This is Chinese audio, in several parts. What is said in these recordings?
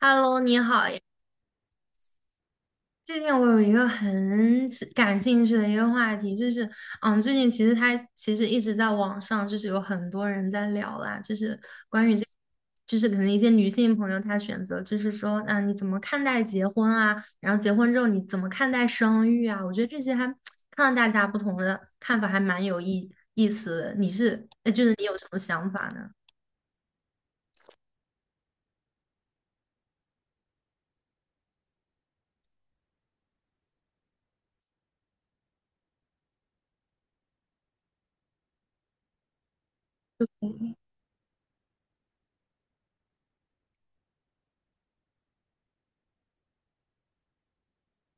Hello，你好呀。最近我有一个很感兴趣的一个话题，就是，最近其实一直在网上，就是有很多人在聊啦，就是关于这，就是可能一些女性朋友她选择，就是说，你怎么看待结婚啊？然后结婚之后你怎么看待生育啊？我觉得这些还看到大家不同的看法，还蛮有意思的你是，就是你有什么想法呢？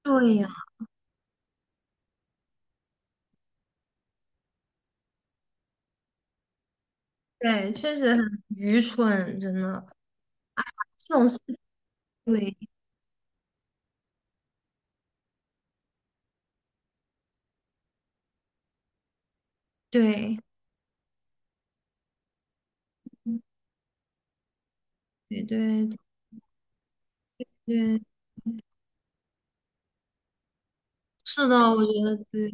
对呀，对，确实很愚蠢，真的这种事情。对，对。对对对，是的。我觉得对。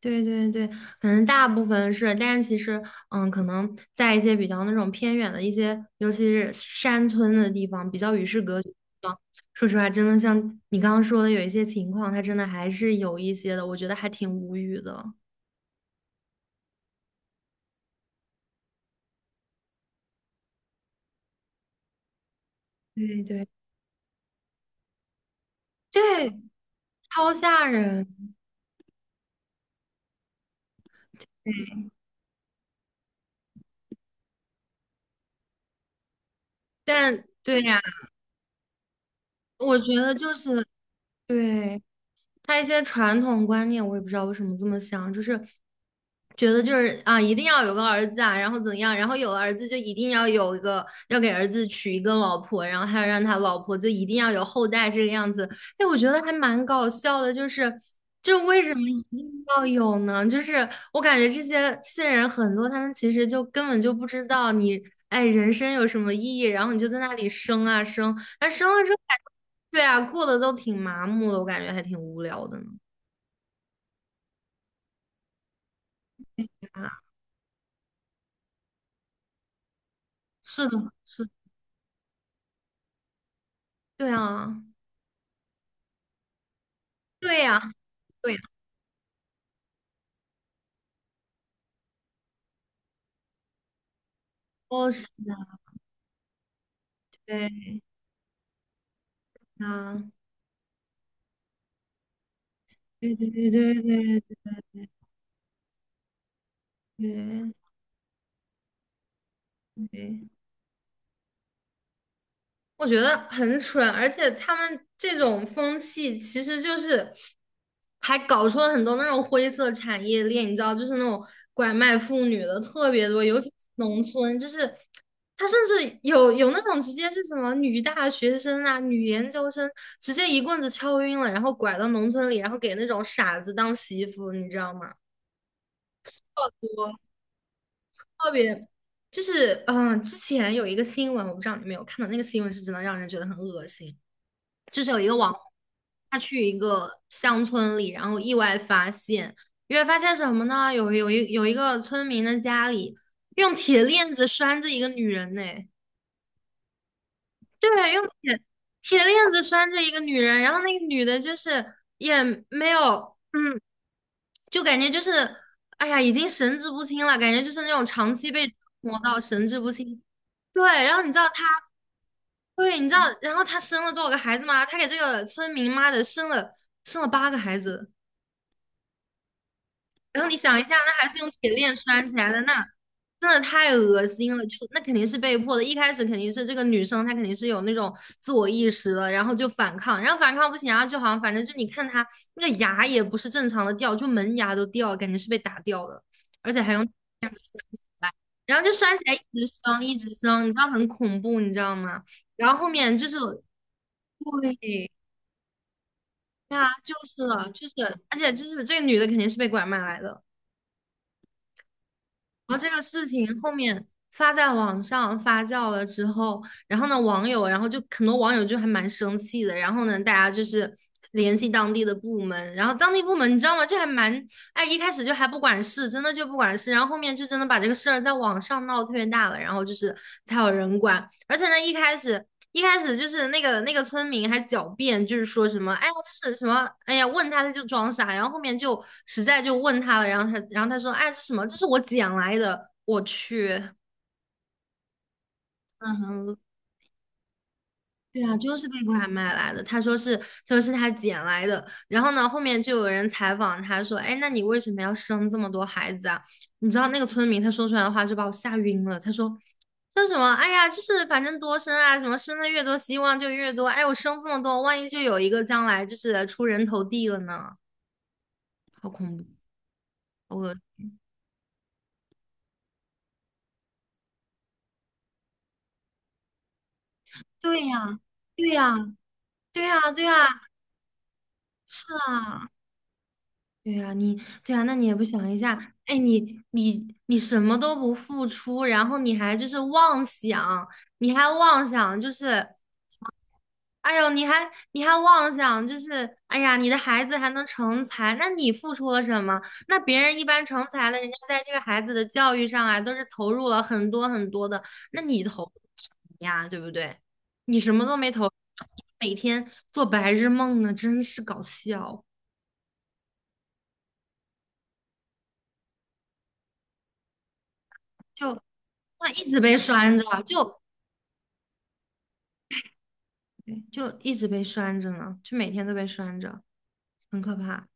对对对，可能大部分是，但是其实，可能在一些比较那种偏远的一些，尤其是山村的地方，比较与世隔绝的地方。说实话，真的像你刚刚说的，有一些情况，它真的还是有一些的，我觉得还挺无语的。对对对，超吓人。但对呀，我觉得就是对，他一些传统观念，我也不知道为什么这么想，就是觉得就是啊，一定要有个儿子啊，然后怎样，然后有了儿子就一定要有一个，要给儿子娶一个老婆，然后还要让他老婆就一定要有后代这个样子。哎，我觉得还蛮搞笑的，就是就为什么一定要有呢？就是我感觉这些人很多，他们其实就根本就不知道你。哎，人生有什么意义？然后你就在那里生啊生，哎，生了之后感觉，对啊，过得都挺麻木的，我感觉还挺无聊的呢。啊，是的，是的。对啊，对呀，对呀，哦，是的，对啊，对对对对对对对对。我觉得很蠢，而且他们这种风气其实就是还搞出了很多那种灰色产业链，你知道，就是那种拐卖妇女的特别多，尤其是农村，就是他甚至有有那种直接是什么女大学生啊、女研究生，直接一棍子敲晕了，然后拐到农村里，然后给那种傻子当媳妇，你知道吗？我特别。就是，之前有一个新闻，我不知道你有没有看到，那个新闻是真的让人觉得很恶心。就是有一个网红他去一个乡村里，然后意外发现，意外发现什么呢？有一个村民的家里用铁链子拴着一个女人呢。对，用铁链子拴着一个女人，然后那个女的就是也没有。嗯，就感觉就是，哎呀，已经神志不清了，感觉就是那种长期被折磨到神志不清。对，然后你知道他。对，你知道，然后他生了多少个孩子吗？他给这个村民妈的生了8个孩子。然后你想一下，那还是用铁链拴起来的，那真的太恶心了，就那肯定是被迫的。一开始肯定是这个女生，她肯定是有那种自我意识的，然后就反抗，然后反抗不行啊，然后就好像反正就你看她那个牙也不是正常的掉，就门牙都掉了，感觉是被打掉的，而且还用这子拴起来，然后就拴起来一直生一直生，你知道很恐怖，你知道吗？然后后面就是对。对啊，就是了，就是，而且就是这个女的肯定是被拐卖来的。然后这个事情后面发在网上发酵了之后，然后呢，网友，然后就很多网友就还蛮生气的。然后呢，大家就是联系当地的部门，然后当地部门你知道吗？就还蛮，哎，一开始就还不管事，真的就不管事。然后后面就真的把这个事儿在网上闹得特别大了，然后就是才有人管。而且呢，一开始。一开始就是那个村民还狡辩，就是说什么哎呀是什么哎呀问他他就装傻，然后后面就实在就问他了，然后他说哎是什么这是我捡来的，我去，嗯，对啊，就是被拐卖来的。他说是，他说是他捡来的。然后呢，后面就有人采访他说："哎，那你为什么要生这么多孩子啊？"你知道那个村民他说出来的话就把我吓晕了。他说："说什么？哎呀，就是反正多生啊，什么生的越多，希望就越多。哎，我生这么多，万一就有一个将来就是出人头地了呢？好恐怖！我，对呀，对呀，对呀，对呀，是啊。"对呀，你。对呀，那你也不想一下，哎，你你你什么都不付出，然后你还就是妄想，你还妄想就是，哎呦，你还你还妄想就是，哎呀，你的孩子还能成才，那你付出了什么？那别人一般成才了，人家在这个孩子的教育上啊，都是投入了很多很多的，那你投入什么呀，对不对？你什么都没投入每天做白日梦呢，真是搞笑。就那一直被拴着啊，就对就一直被拴着呢，就每天都被拴着，很可怕。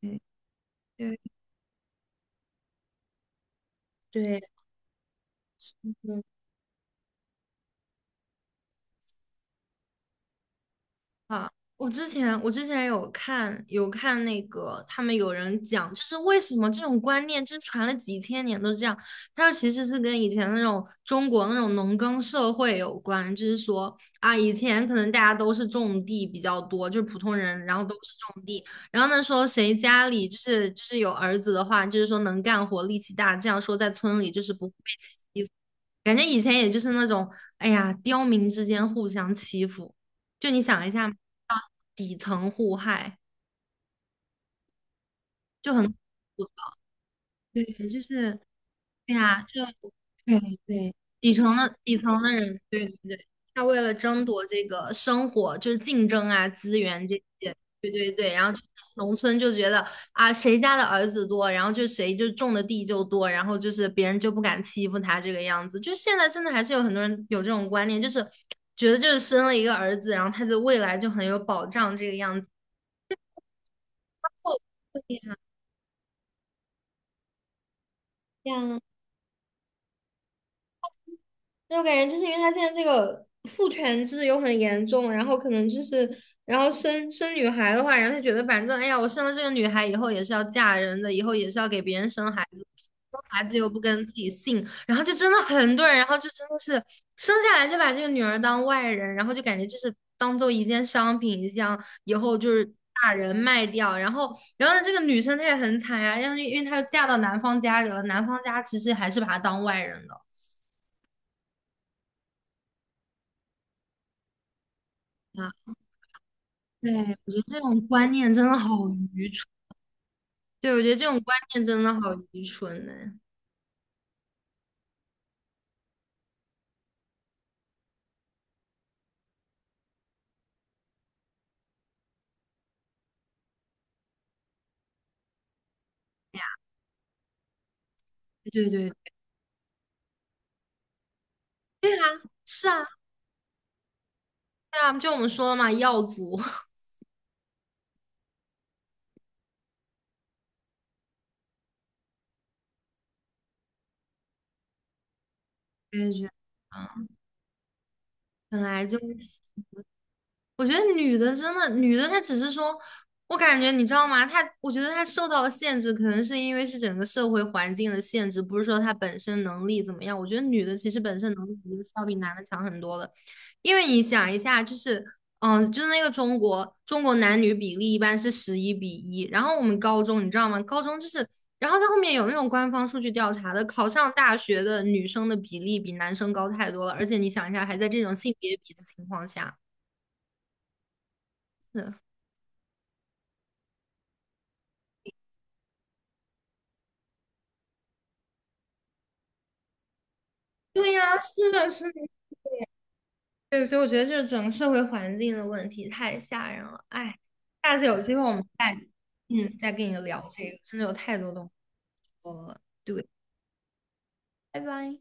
对对，对，啊，我之前有看那个，他们有人讲，就是为什么这种观念就是传了几千年都这样。他说其实是跟以前那种中国那种农耕社会有关，就是说啊，以前可能大家都是种地比较多，就是普通人，然后都是种地。然后呢说谁家里就是有儿子的话，就是说能干活、力气大，这样说在村里就是不会被感觉以前也就是那种，哎呀，刁民之间互相欺负，就你想一下，底层互害就很，对，就是对呀，就对对，底层的人，对对对，他为了争夺这个生活，就是竞争啊、资源这些，对对对。然后就农村就觉得啊，谁家的儿子多，然后就谁就种的地就多，然后就是别人就不敢欺负他这个样子。就现在真的还是有很多人有这种观念，就是觉得就是生了一个儿子，然后他的未来就很有保障这个样子。哦，对呀，这样啊。那我感觉就是因为他现在这个父权制又很严重，然后可能就是，然后生女孩的话，然后他觉得反正哎呀，我生了这个女孩以后也是要嫁人的，以后也是要给别人生孩子，生孩子又不跟自己姓，然后就真的很多人，然后就真的是生下来就把这个女儿当外人，然后就感觉就是当做一件商品一样，以后就是把人卖掉，然后呢这个女生她也很惨呀、因为她又嫁到男方家里了，男方家其实还是把她当外人的。啊。对，我觉得这种观念真的好愚蠢。对，我觉得这种观念真的好愚蠢呢、对对对啊，是啊，对啊，就我们说了嘛，耀祖 我也觉得，本来就是我觉得女的真的，女的她只是说，我感觉你知道吗？她我觉得她受到了限制，可能是因为是整个社会环境的限制，不是说她本身能力怎么样。我觉得女的其实本身能力我觉得是要比男的强很多的，因为你想一下，就是就是那个中国男女比例一般是11比1，然后我们高中你知道吗？高中就是，然后在后面有那种官方数据调查的，考上大学的女生的比例比男生高太多了，而且你想一下，还在这种性别比的情况下。对呀，是的，是的，对，所以我觉得就是整个社会环境的问题太吓人了。哎，下次有机会我们再再跟你聊这个，真的有太多东西说了。对，拜拜。